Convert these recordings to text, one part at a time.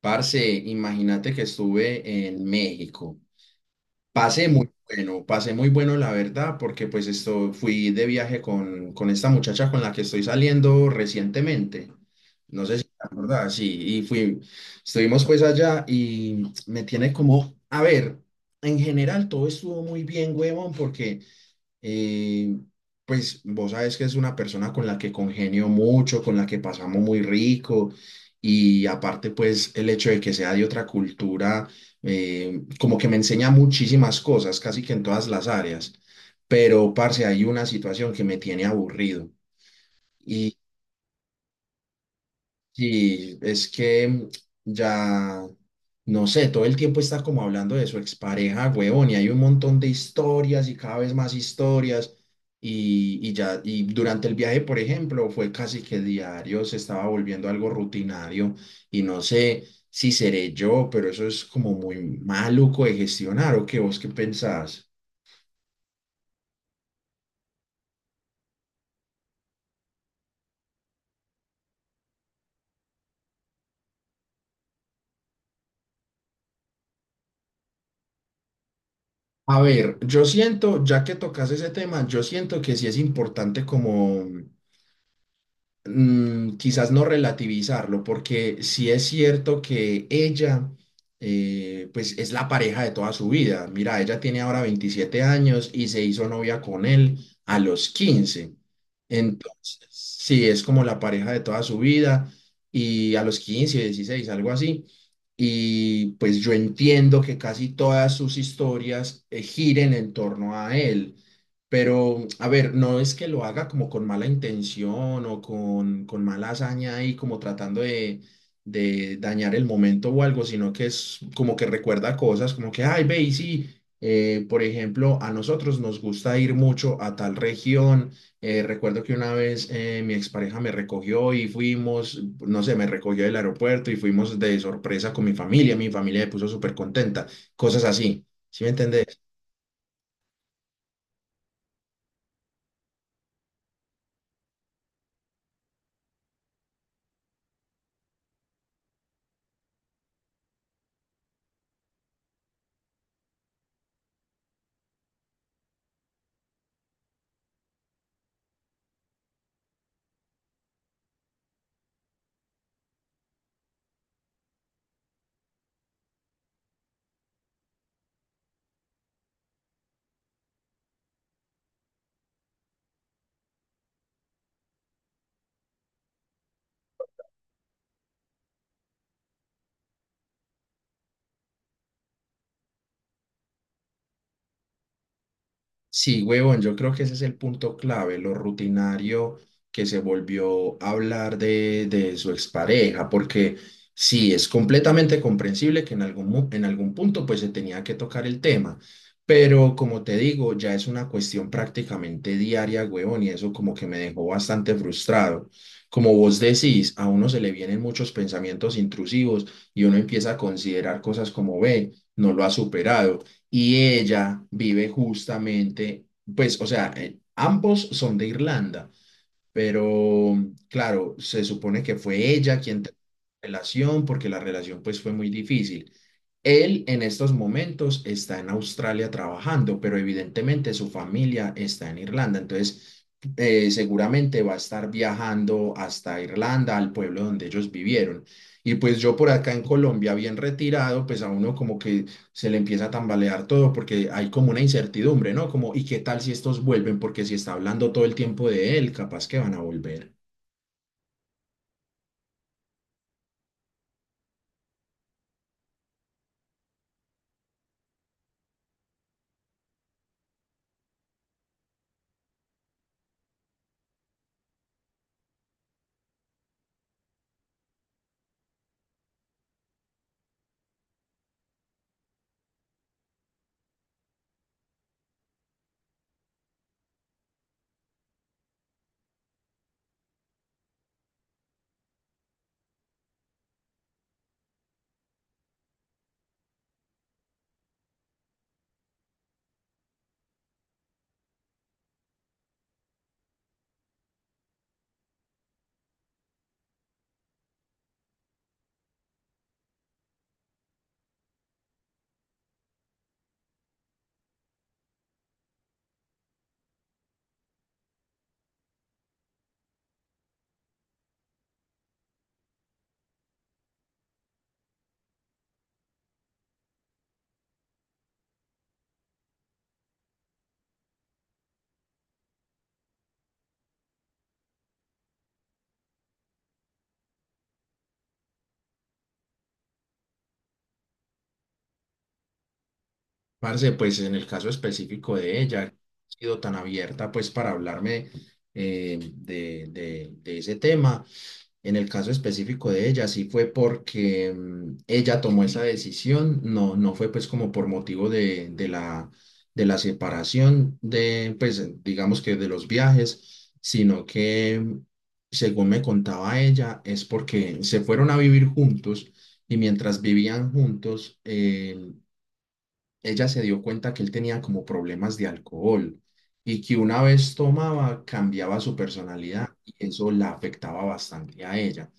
Parce, imagínate que estuve en México. Pasé muy bueno la verdad, porque pues esto fui de viaje con esta muchacha con la que estoy saliendo recientemente. No sé si te acuerdas, sí, estuvimos pues allá y me tiene como, a ver, en general todo estuvo muy bien, huevón, porque eh, pues vos sabes que es una persona con la que congenio mucho, con la que pasamos muy rico, y aparte pues el hecho de que sea de otra cultura, como que me enseña muchísimas cosas, casi que en todas las áreas. Pero parce, hay una situación que me tiene aburrido. Sí, es que ya, no sé, todo el tiempo está como hablando de su expareja, huevón, y hay un montón de historias y cada vez más historias. Y ya, y durante el viaje, por ejemplo, fue casi que diario, se estaba volviendo algo rutinario. Y no sé si seré yo, pero eso es como muy maluco de gestionar, ¿o qué vos qué pensás? A ver, yo siento, ya que tocas ese tema, yo siento que sí es importante como quizás no relativizarlo, porque sí es cierto que ella, pues es la pareja de toda su vida. Mira, ella tiene ahora 27 años y se hizo novia con él a los 15. Entonces, sí, es como la pareja de toda su vida, y a los 15 16 algo así. Y pues yo entiendo que casi todas sus historias giren en torno a él, pero, a ver, no es que lo haga como con mala intención o con mala hazaña y como tratando de, dañar el momento o algo, sino que es como que recuerda cosas, como que, ay, ve, y sí, por ejemplo, a nosotros nos gusta ir mucho a tal región. Recuerdo que una vez mi expareja me recogió y fuimos, no sé, me recogió del aeropuerto y fuimos de sorpresa con mi familia. Mi familia me puso súper contenta, cosas así, ¿sí me entendés? Sí, huevón, yo creo que ese es el punto clave, lo rutinario que se volvió a hablar de, su expareja, porque sí, es completamente comprensible que en algún punto pues se tenía que tocar el tema, pero como te digo, ya es una cuestión prácticamente diaria, huevón, y eso como que me dejó bastante frustrado. Como vos decís, a uno se le vienen muchos pensamientos intrusivos y uno empieza a considerar cosas como, ve, no lo ha superado, y ella vive justamente, pues, o sea, ambos son de Irlanda, pero claro, se supone que fue ella quien terminó la relación porque la relación pues fue muy difícil. Él en estos momentos está en Australia trabajando, pero evidentemente su familia está en Irlanda. Entonces, seguramente va a estar viajando hasta Irlanda, al pueblo donde ellos vivieron. Y pues yo por acá en Colombia, bien retirado, pues a uno como que se le empieza a tambalear todo porque hay como una incertidumbre, ¿no? Como, ¿y qué tal si estos vuelven? Porque si está hablando todo el tiempo de él, capaz que van a volver. Parce, pues en el caso específico de ella, ha sido tan abierta pues para hablarme de, de ese tema. En el caso específico de ella, sí fue porque ella tomó esa decisión, no, no fue pues como por motivo de la separación de, pues digamos que de los viajes, sino que según me contaba ella, es porque se fueron a vivir juntos, y mientras vivían juntos, ella se dio cuenta que él tenía como problemas de alcohol, y que una vez tomaba cambiaba su personalidad y eso la afectaba bastante a ella.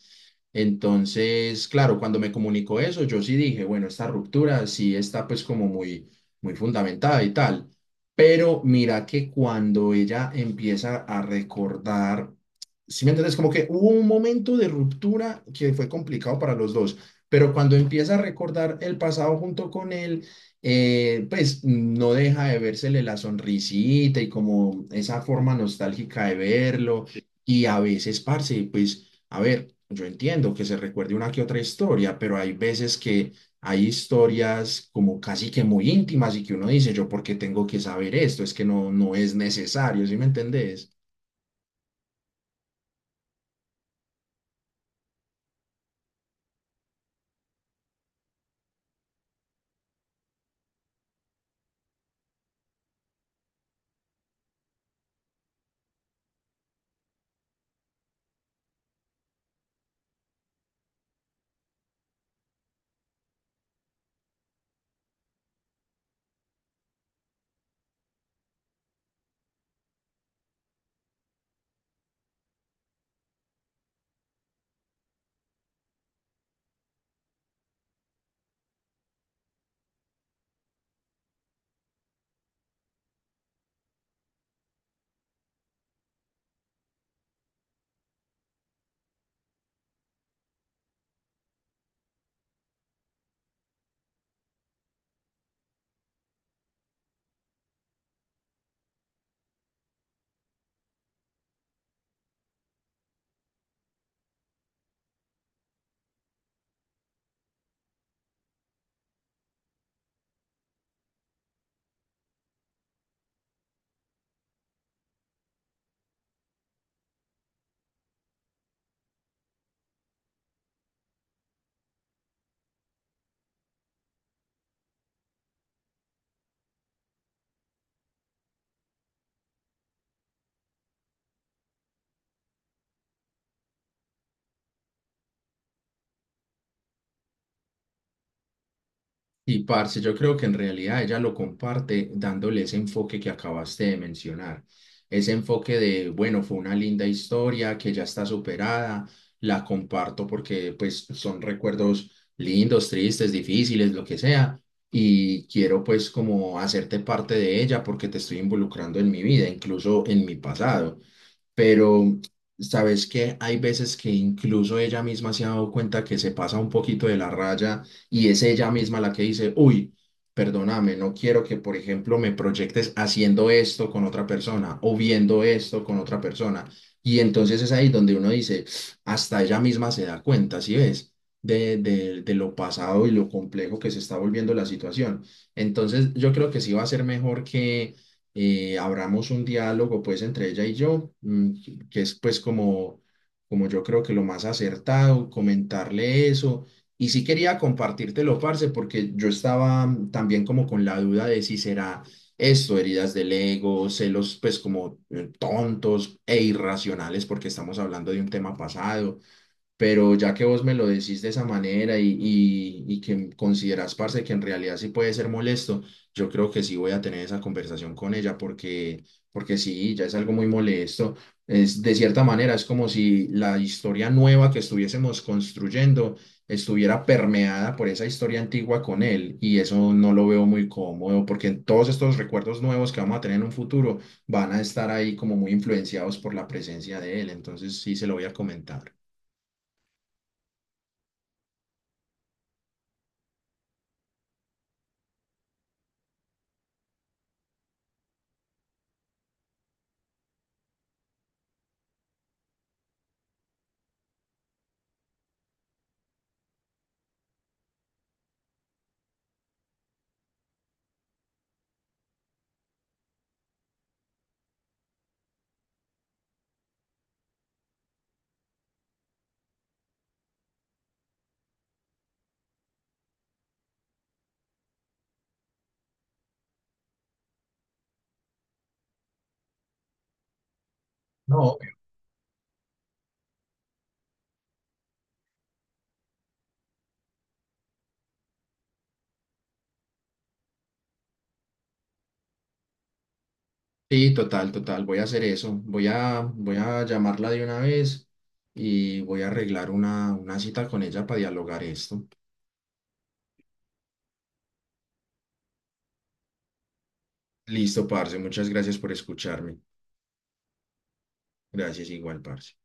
Entonces, claro, cuando me comunicó eso, yo sí dije, bueno, esta ruptura sí está pues como muy, muy fundamentada y tal. Pero mira que cuando ella empieza a recordar, sí me entiendes, como que hubo un momento de ruptura que fue complicado para los dos, pero cuando empieza a recordar el pasado junto con él, pues no deja de vérsele la sonrisita y como esa forma nostálgica de verlo. Sí. Y a veces, parce, pues, a ver, yo entiendo que se recuerde una que otra historia, pero hay veces que hay historias como casi que muy íntimas y que uno dice, yo por qué tengo que saber esto, es que no, no es necesario, ¿sí me entendés? Y parce, yo creo que en realidad ella lo comparte dándole ese enfoque que acabaste de mencionar, ese enfoque de, bueno, fue una linda historia que ya está superada, la comparto porque pues son recuerdos lindos, tristes, difíciles, lo que sea, y quiero pues como hacerte parte de ella porque te estoy involucrando en mi vida, incluso en mi pasado. Pero sabes que hay veces que incluso ella misma se ha dado cuenta que se pasa un poquito de la raya, y es ella misma la que dice, uy, perdóname, no quiero que, por ejemplo, me proyectes haciendo esto con otra persona o viendo esto con otra persona. Y entonces es ahí donde uno dice, hasta ella misma se da cuenta, ¿sí ves? De lo pasado y lo complejo que se está volviendo la situación. Entonces, yo creo que sí va a ser mejor que abramos un diálogo pues entre ella y yo, que es pues como yo creo que lo más acertado, comentarle eso. Y sí quería compartírtelo, parce, porque yo estaba también como con la duda de si será esto, heridas del ego, celos pues como tontos e irracionales, porque estamos hablando de un tema pasado, pero ya que vos me lo decís de esa manera, y que considerás, parce, que en realidad sí puede ser molesto, yo creo que sí voy a tener esa conversación con ella, porque sí, ya es algo muy molesto. Es, de cierta manera, es como si la historia nueva que estuviésemos construyendo estuviera permeada por esa historia antigua con él, y eso no lo veo muy cómodo porque todos estos recuerdos nuevos que vamos a tener en un futuro van a estar ahí como muy influenciados por la presencia de él, entonces sí se lo voy a comentar. No. Sí, total, total. Voy a hacer eso. Voy a llamarla de una vez, y voy a arreglar una cita con ella para dialogar esto. Listo, parce. Muchas gracias por escucharme. Gracias igual, parce.